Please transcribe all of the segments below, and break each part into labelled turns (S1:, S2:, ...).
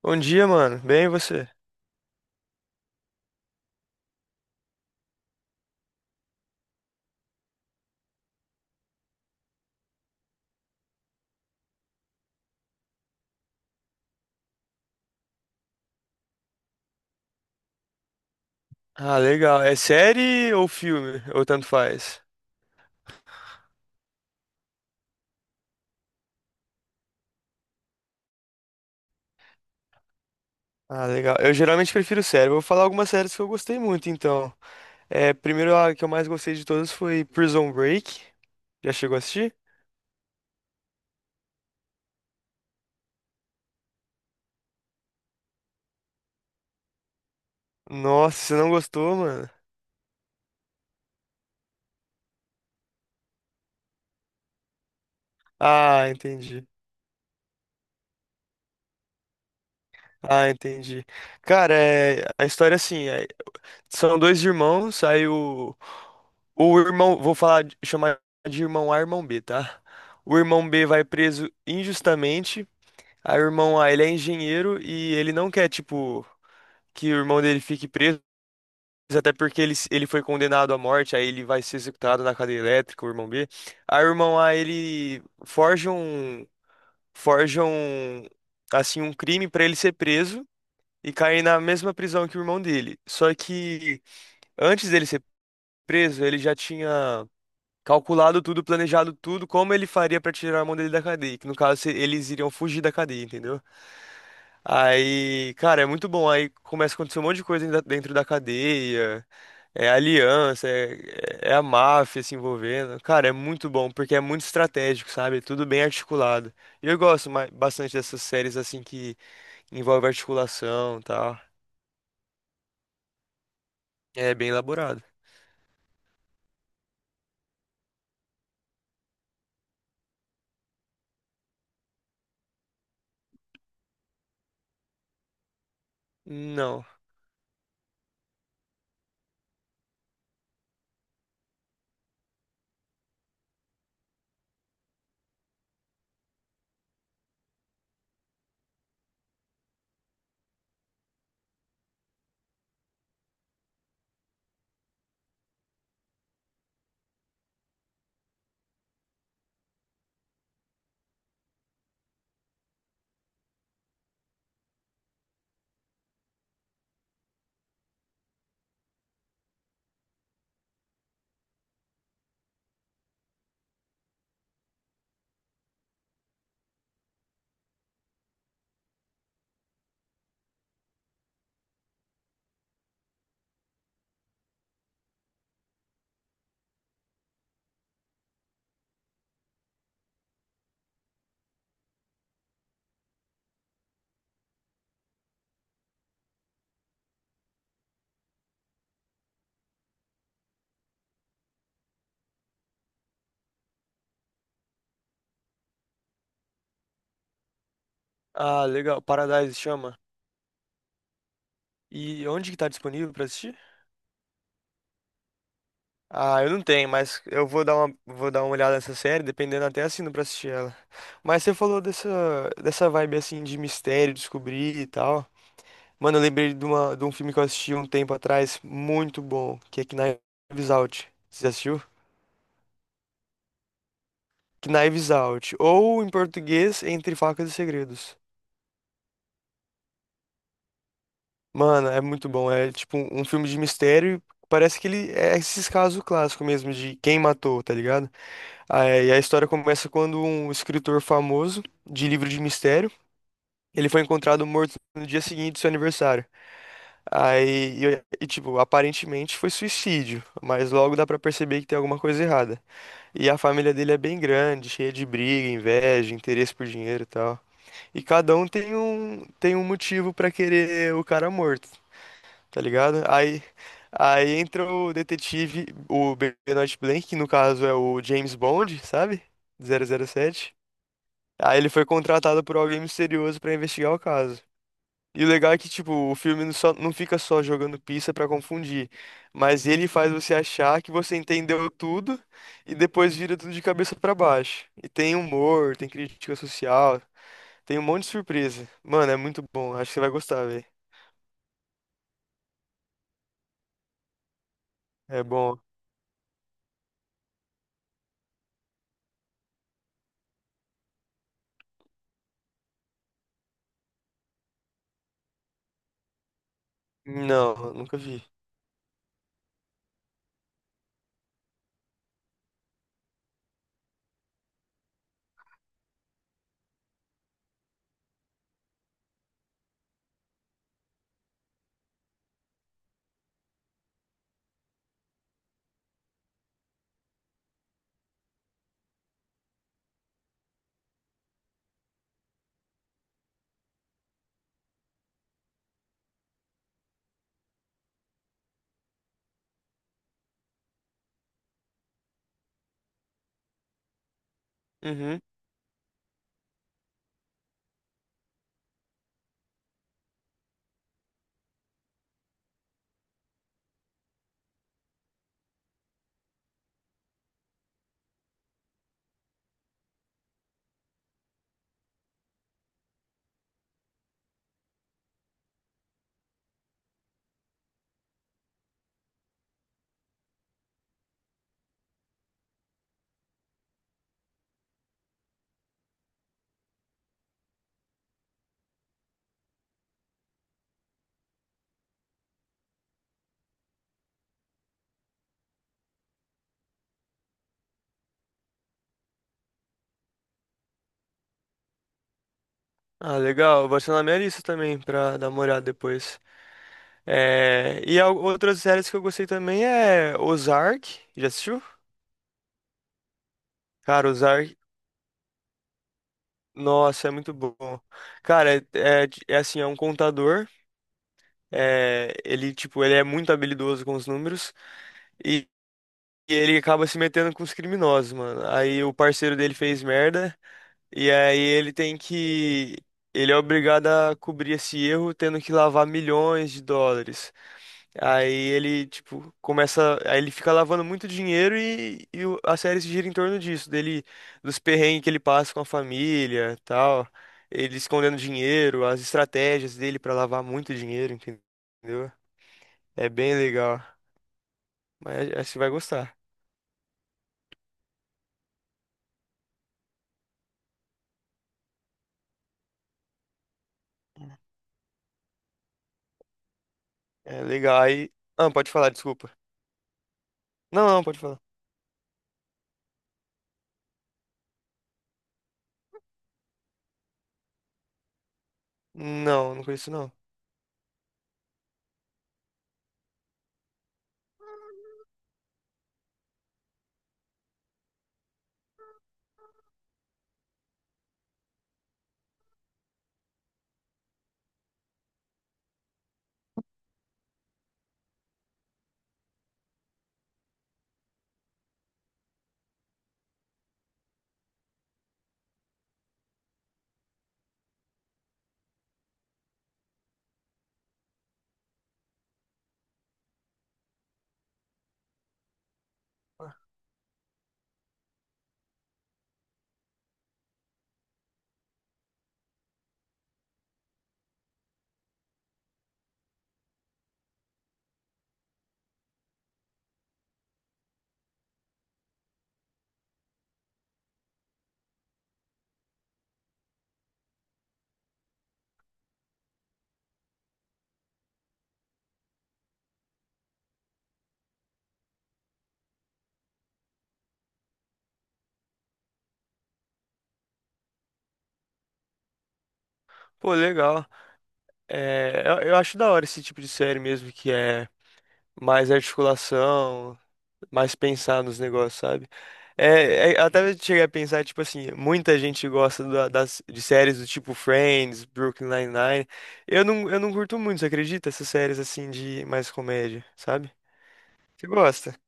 S1: Bom dia, mano. Bem, e você? Ah, legal. É série ou filme? Ou tanto faz? Ah, legal. Eu geralmente prefiro série. Vou falar algumas séries que eu gostei muito, então. Primeiro, a que eu mais gostei de todas foi Prison Break. Já chegou a assistir? Nossa, você não gostou, mano? Ah, entendi. Ah, entendi. Cara, a história é assim, são dois irmãos, o irmão, vou falar, chamar de irmão A e irmão B, tá? O irmão B vai preso injustamente. Aí o irmão lá, ele é engenheiro e ele não quer, tipo, que o irmão dele fique preso, até porque ele foi condenado à morte, aí ele vai ser executado na cadeia elétrica, o irmão B. Aí o irmão lá, ele forja um, forja um, assim, um crime pra ele ser preso e cair na mesma prisão que o irmão dele. Só que antes dele ser preso, ele já tinha calculado tudo, planejado tudo, como ele faria pra tirar o irmão dele da cadeia, que no caso eles iriam fugir da cadeia, entendeu? Aí, cara, é muito bom. Aí começa a acontecer um monte de coisa ainda dentro da cadeia, é aliança, é a máfia se envolvendo. Cara, é muito bom, porque é muito estratégico, sabe? É tudo bem articulado. E eu gosto bastante dessas séries assim que envolve articulação e tal. É bem elaborado. Não. Ah, legal. Paradise chama. E onde que tá disponível pra assistir? Ah, eu não tenho, mas eu vou dar vou dar uma olhada nessa série, dependendo até assino pra assistir ela. Mas você falou dessa vibe assim de mistério, descobrir e tal. Mano, eu lembrei de um filme que eu assisti um tempo atrás, muito bom, que é Knives Out. Você já assistiu? Knives Out. Ou em português, Entre Facas e Segredos. Mano, é muito bom. É tipo um filme de mistério. Parece que ele é esses casos clássicos mesmo de quem matou, tá ligado? E a história começa quando um escritor famoso de livro de mistério, ele foi encontrado morto no dia seguinte do seu aniversário. Tipo, aparentemente foi suicídio, mas logo dá pra perceber que tem alguma coisa errada. E a família dele é bem grande, cheia de briga, inveja, interesse por dinheiro e tal. E cada um tem um tem um motivo pra querer o cara morto, tá ligado? Aí entra o detetive, o Benoit Blanc, que no caso é o James Bond, sabe? 007. Aí ele foi contratado por alguém misterioso pra investigar o caso. E o legal é que, tipo, o filme não, só, não fica só jogando pista pra confundir, mas ele faz você achar que você entendeu tudo e depois vira tudo de cabeça pra baixo. E tem humor, tem crítica social, tem um monte de surpresa. Mano, é muito bom, acho que você vai gostar, velho. É bom. Não, nunca vi. Uhum. Ah, legal, vou adicionar na minha lista também pra dar uma olhada depois. É... outras séries que eu gostei também é Ozark, já assistiu? Cara, usar. Nossa, é muito bom. Cara, é assim, é um contador. É, ele, tipo, ele é muito habilidoso com os números e, e ele acaba se metendo com os criminosos, mano. Aí o parceiro dele fez merda e aí ele tem que. Ele é obrigado a cobrir esse erro, tendo que lavar milhões de dólares. Aí ele, tipo, começa. Aí ele fica lavando muito dinheiro a série se gira em torno disso, dele, dos perrengues que ele passa com a família, tal. Ele escondendo dinheiro, as estratégias dele pra lavar muito dinheiro, entendeu? É bem legal. Mas é, acho que você vai gostar. É legal. Aí. Ah, pode falar, desculpa. Não, não, pode falar. Não, não conheço não. Pô, legal. Eu acho da hora esse tipo de série mesmo, que é mais articulação. Mais pensar nos negócios, sabe? Até eu cheguei a pensar, tipo assim, muita gente gosta das, de séries do tipo Friends, Brooklyn Nine-Nine. Eu não curto muito, você acredita? Essas séries assim de mais comédia, sabe? Você gosta?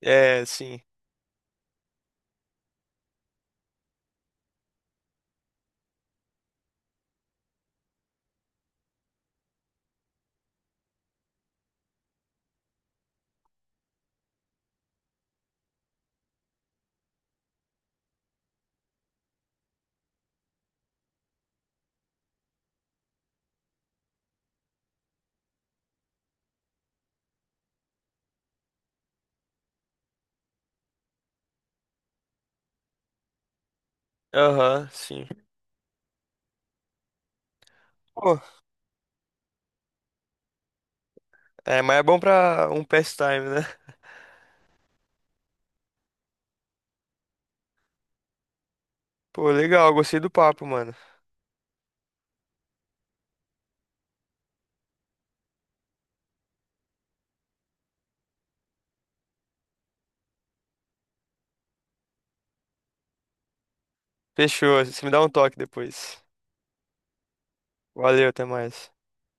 S1: É, sim. Aham, sim. Pô, é, mas é bom pra um pastime, né? Pô, legal, gostei do papo, mano. Fechou, você me dá um toque depois. Valeu, até mais.